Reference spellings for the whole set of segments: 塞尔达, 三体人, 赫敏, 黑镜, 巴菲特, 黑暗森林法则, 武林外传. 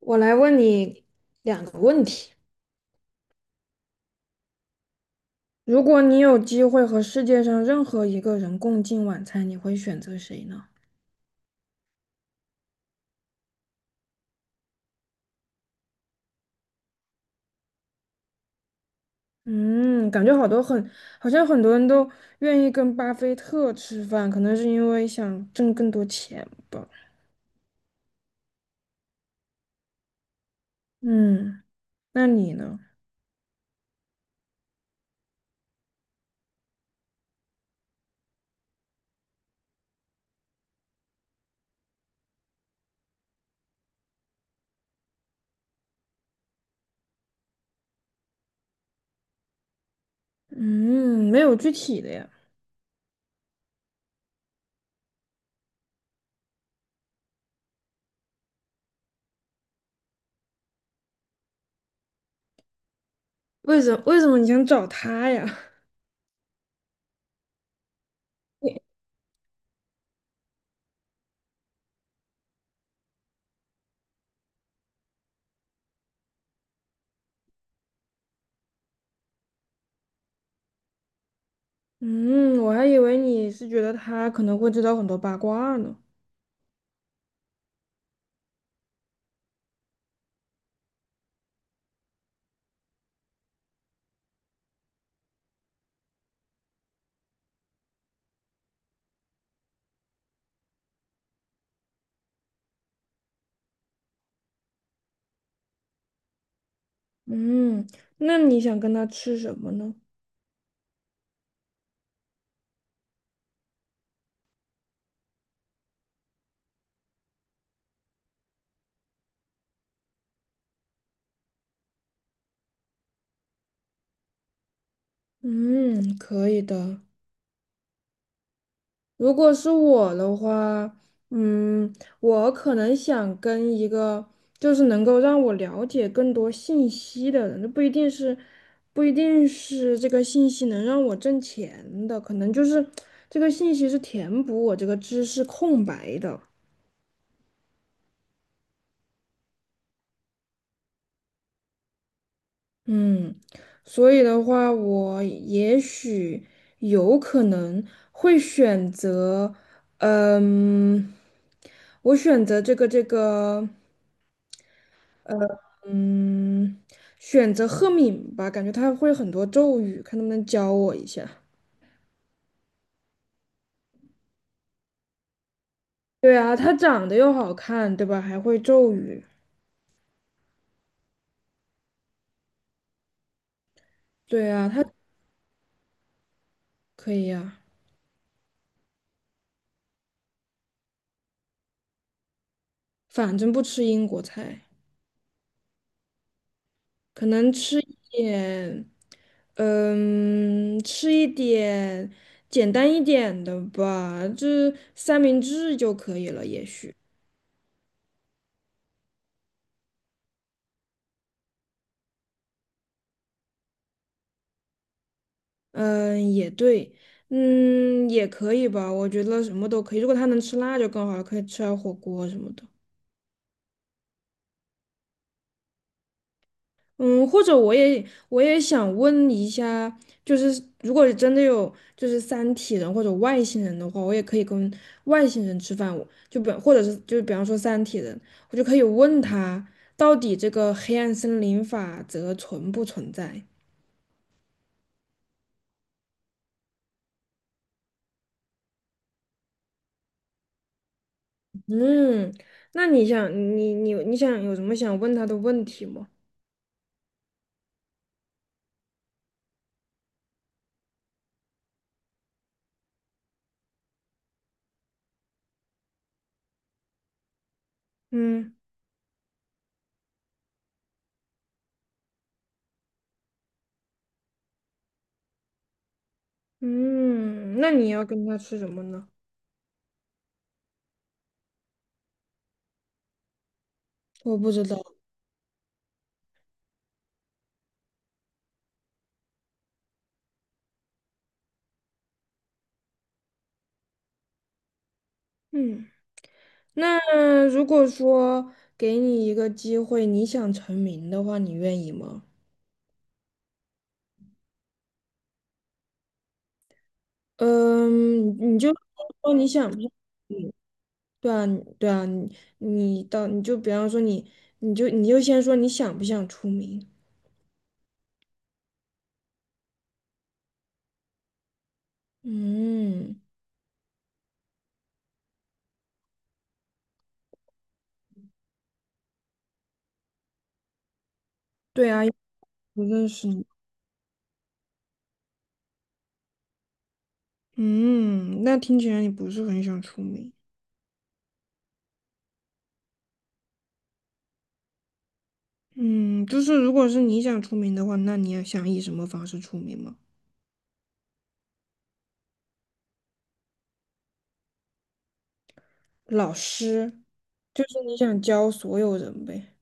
我来问你两个问题：如果你有机会和世界上任何一个人共进晚餐，你会选择谁呢？嗯，感觉好多很，好像很多人都愿意跟巴菲特吃饭，可能是因为想挣更多钱吧。嗯，那你呢？嗯，没有具体的呀。为什么你想找他呀？你嗯，我还以为你是觉得他可能会知道很多八卦呢。嗯，那你想跟他吃什么呢？嗯，可以的。如果是我的话，嗯，我可能想跟一个就是能够让我了解更多信息的人，这不一定是这个信息能让我挣钱的，可能就是这个信息是填补我这个知识空白的。嗯，所以的话，我也许有可能会选择，嗯，我选择这个。嗯，选择赫敏吧，感觉他会很多咒语，看能不能教我一下。对啊，他长得又好看，对吧？还会咒语。对啊，他可以呀、反正不吃英国菜，可能吃，嗯，吃一点简单一点的吧，就三明治就可以了，也许。嗯，也对，也可以吧，我觉得什么都可以。如果他能吃辣就更好了，可以吃点火锅什么的。嗯，或者我也想问一下，就是如果真的有就是三体人或者外星人的话，我也可以跟外星人吃饭，我就比或者是就是比方说三体人，我就可以问他到底这个黑暗森林法则存不存在？嗯，那你想你想有什么想问他的问题吗？嗯。嗯，那你要跟他吃什么呢？我不知道。嗯。那如果说给你一个机会，你想成名的话，你愿意吗？嗯，你就说你想不想。嗯，对啊，你你到你就比方说你，你就先说你想不想出名？嗯，对啊，不认识你。嗯，那听起来你不是很想出名。嗯，就是如果是你想出名的话，那你要想以什么方式出名吗？老师，就是你想教所有人呗。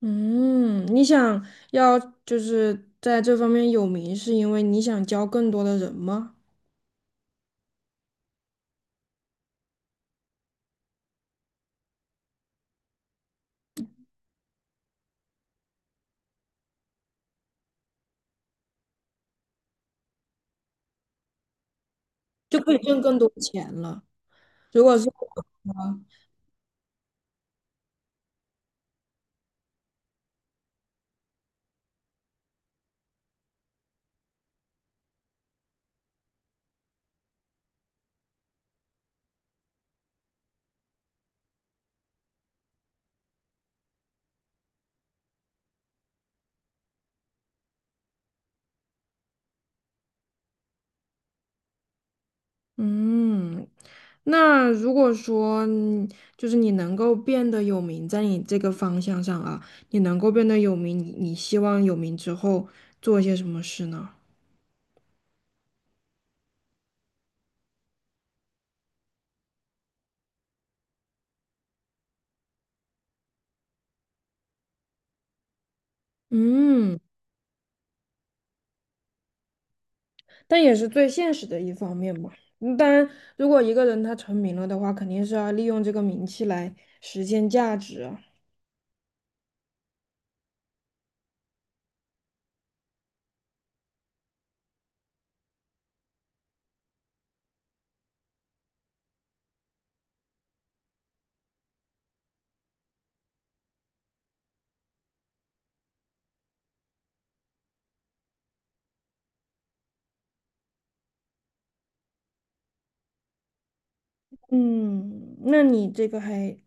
嗯，你想要就是在这方面有名，是因为你想教更多的人吗？就可以挣更多钱了。如果是，嗯，那如果说你就是你能够变得有名，在你这个方向上啊，你能够变得有名，你你希望有名之后做一些什么事呢？嗯，但也是最现实的一方面嘛。嗯当然，如果一个人他成名了的话，肯定是要利用这个名气来实现价值啊。嗯，那你这个还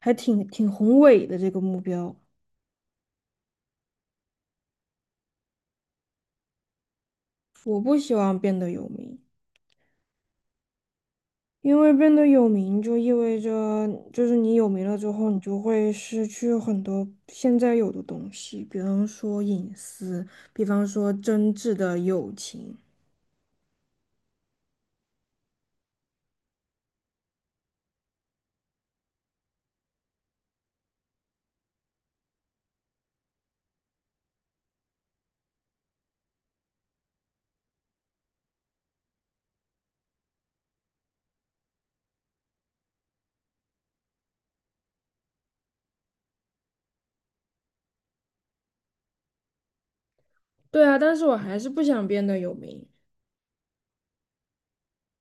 还挺挺宏伟的这个目标。我不希望变得有名，因为变得有名就意味着，就是你有名了之后，你就会失去很多现在有的东西，比方说隐私，比方说真挚的友情。对啊，但是我还是不想变得有名，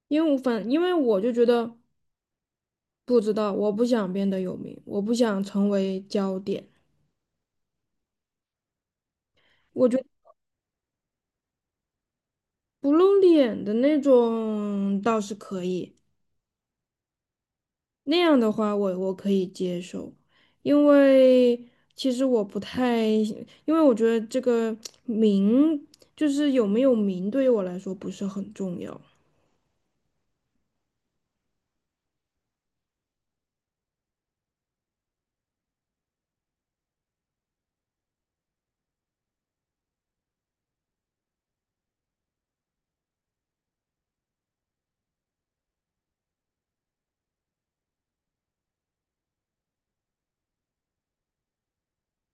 因为我反，因为我就觉得不知道，我不想变得有名，我不想成为焦点。我不露脸的那种倒是可以，那样的话我可以接受，因为其实我不太，因为我觉得这个名就是有没有名对于我来说不是很重要。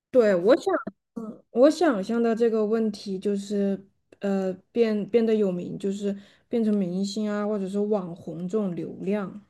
对，我想我想象的这个问题就是，变得有名，就是变成明星啊，或者是网红这种流量。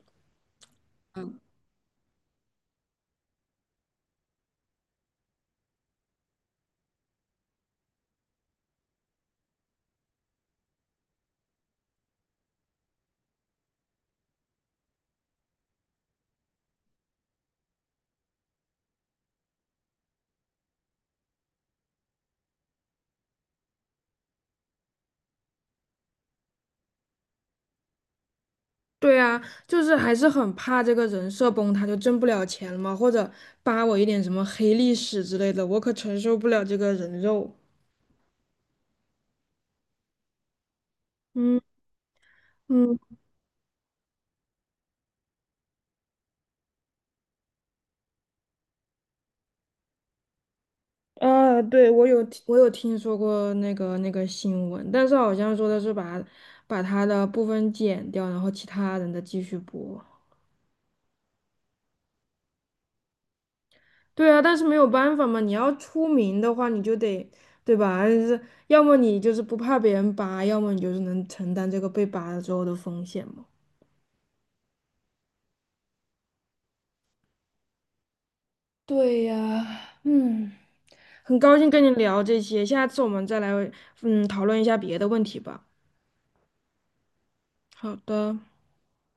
对啊，就是还是很怕这个人设崩塌，就挣不了钱了嘛，或者扒我一点什么黑历史之类的，我可承受不了这个人肉。嗯。嗯。啊，对，我有听说过那个新闻，但是好像说的是把他的部分剪掉，然后其他人的继续播。对啊，但是没有办法嘛，你要出名的话，你就得对吧？是，要么你就是不怕别人扒，要么你就是能承担这个被扒了之后的风险嘛。对呀，嗯，很高兴跟你聊这些，下次我们再来讨论一下别的问题吧。好的。